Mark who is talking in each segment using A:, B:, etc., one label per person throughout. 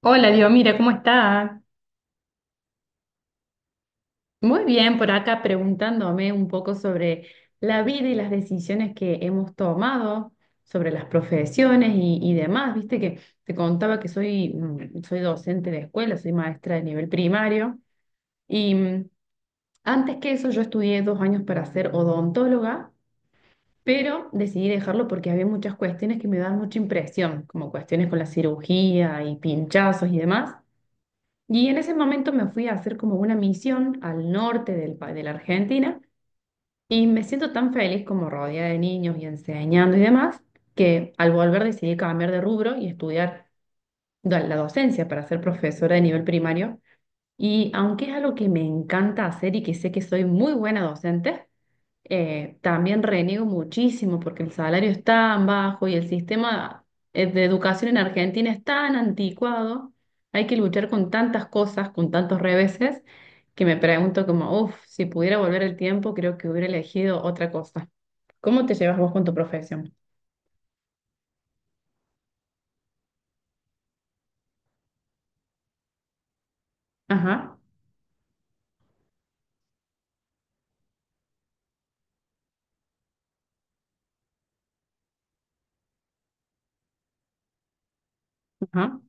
A: Hola, Dios, mira, ¿cómo está? Muy bien, por acá preguntándome un poco sobre la vida y las decisiones que hemos tomado, sobre las profesiones y demás. Viste que te contaba que soy docente de escuela, soy maestra de nivel primario y antes que eso yo estudié dos años para ser odontóloga, pero decidí dejarlo porque había muchas cuestiones que me daban mucha impresión, como cuestiones con la cirugía y pinchazos y demás. Y en ese momento me fui a hacer como una misión al norte de la Argentina y me siento tan feliz como rodeada de niños y enseñando y demás, que al volver decidí cambiar de rubro y estudiar la docencia para ser profesora de nivel primario. Y aunque es algo que me encanta hacer y que sé que soy muy buena docente, también reniego muchísimo porque el salario es tan bajo y el sistema de educación en Argentina es tan anticuado, hay que luchar con tantas cosas, con tantos reveses, que me pregunto como, uff, si pudiera volver el tiempo, creo que hubiera elegido otra cosa. ¿Cómo te llevas vos con tu profesión? Ajá, ajá.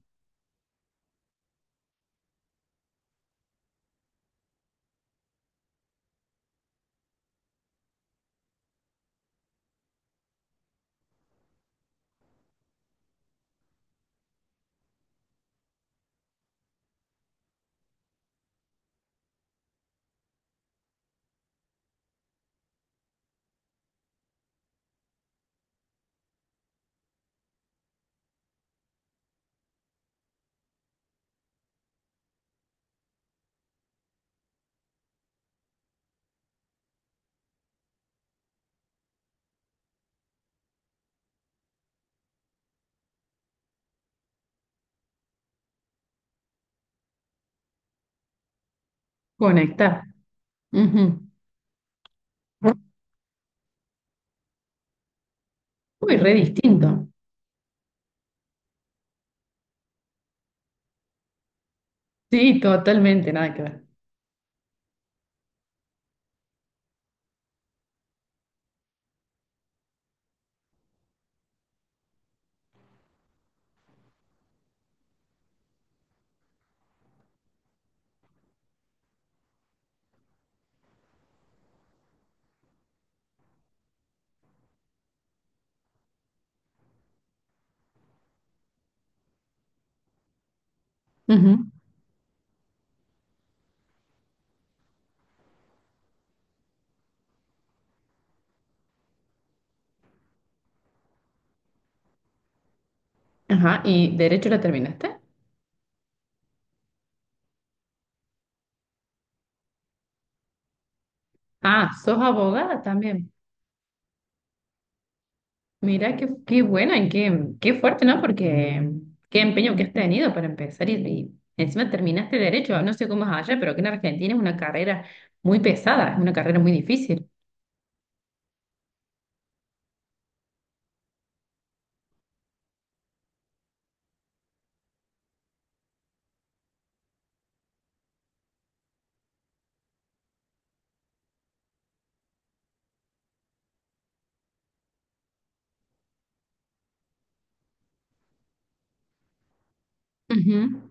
A: Conectar. Ujú. Uy, re distinto. Sí, totalmente, nada que ver. Ujú. Ajá, ¿y derecho la terminaste? Ah, ¿sos abogada también? Mira, qué buena y qué fuerte, ¿no? Porque qué empeño que has tenido para empezar y encima terminaste derecho. No sé cómo es allá, pero que en Argentina es una carrera muy pesada, es una carrera muy difícil. Ujú.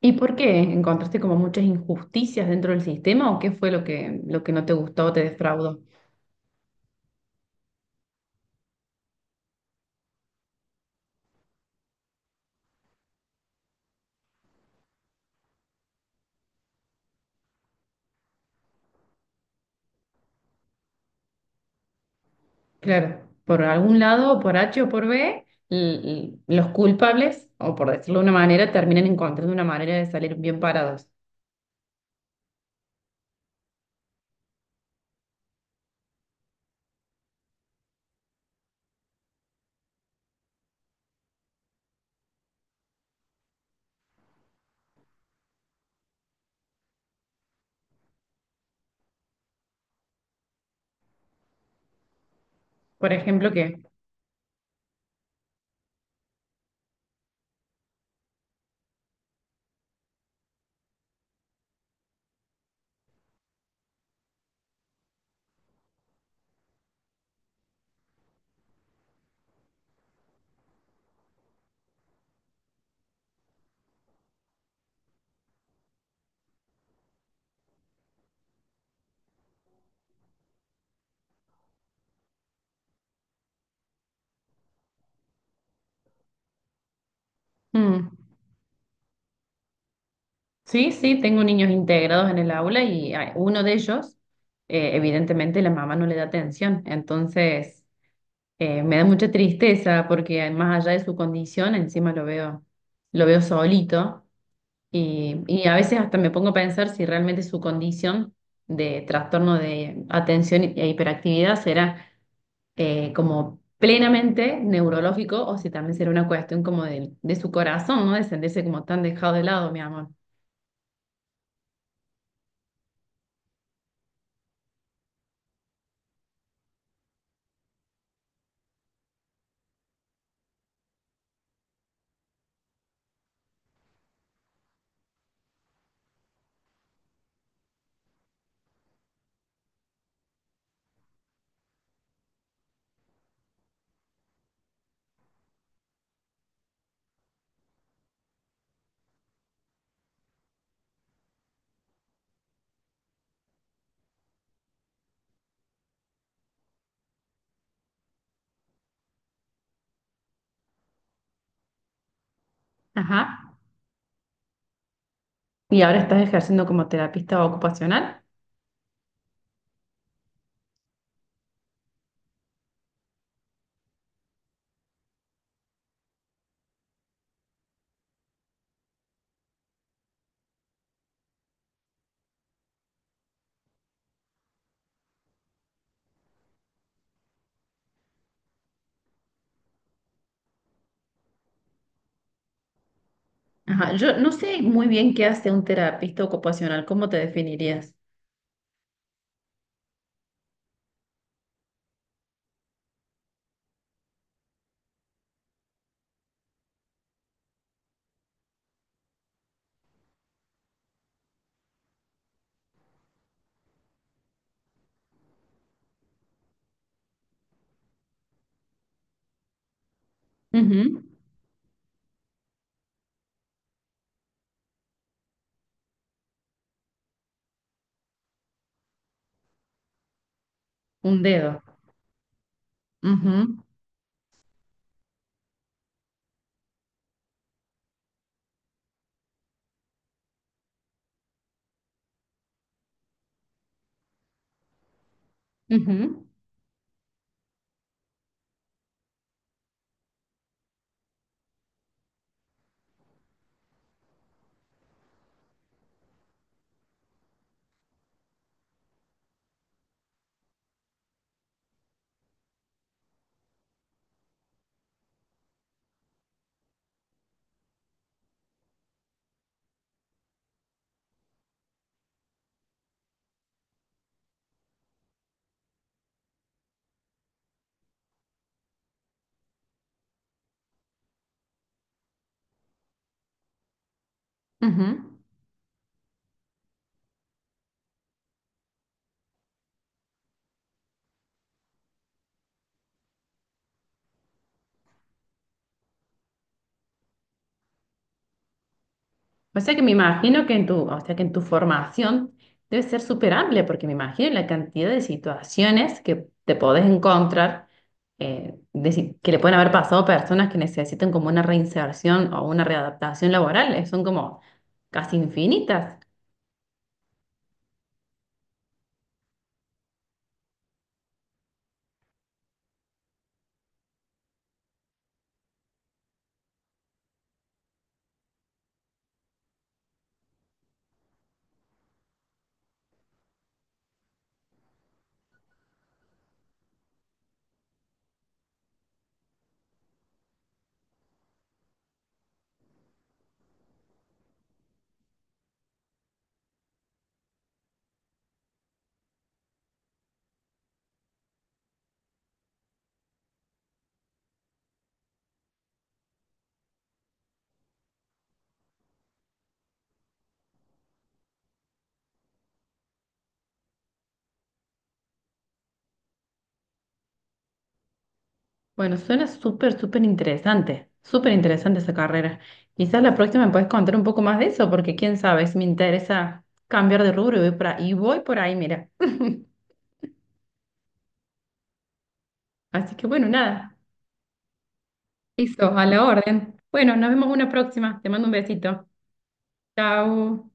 A: ¿Y por qué? ¿Encontraste como muchas injusticias dentro del sistema o qué fue lo que no te gustó o te defraudó? Claro, por algún lado, por H o por B, los culpables, o por decirlo de una manera, terminan encontrando una manera de salir bien parados. Por ejemplo, ¿qué? Sí, sí, tengo niños integrados en el aula y uno de ellos, evidentemente, la mamá no le da atención. Entonces, me da mucha tristeza porque más allá de su condición, encima lo veo solito y a veces hasta me pongo a pensar si realmente su condición de trastorno de atención e hiperactividad será como plenamente neurológico o si también será una cuestión como de su corazón, ¿no? De sentirse como tan dejado de lado, mi amor. Ajá. ¿Y ahora estás ejerciendo como terapista ocupacional? Ajá, yo no sé muy bien qué hace un terapista ocupacional, ¿cómo te definirías? Ujú. Un dedo. Ujú, ujú, ujú. O sea que me imagino que en tu, o sea que en tu formación debe ser súper amplia, porque me imagino la cantidad de situaciones que te podés encontrar, de si- que le pueden haber pasado a personas que necesitan como una reinserción o una readaptación laboral, son como casi infinitas. Bueno, suena súper, súper interesante esa carrera. Quizás la próxima me puedes contar un poco más de eso, porque quién sabe, si me interesa cambiar de rubro y voy por ahí, y voy por ahí, mira. Así que bueno, nada, eso, a la orden. Bueno, nos vemos una próxima. Te mando un besito. Chao.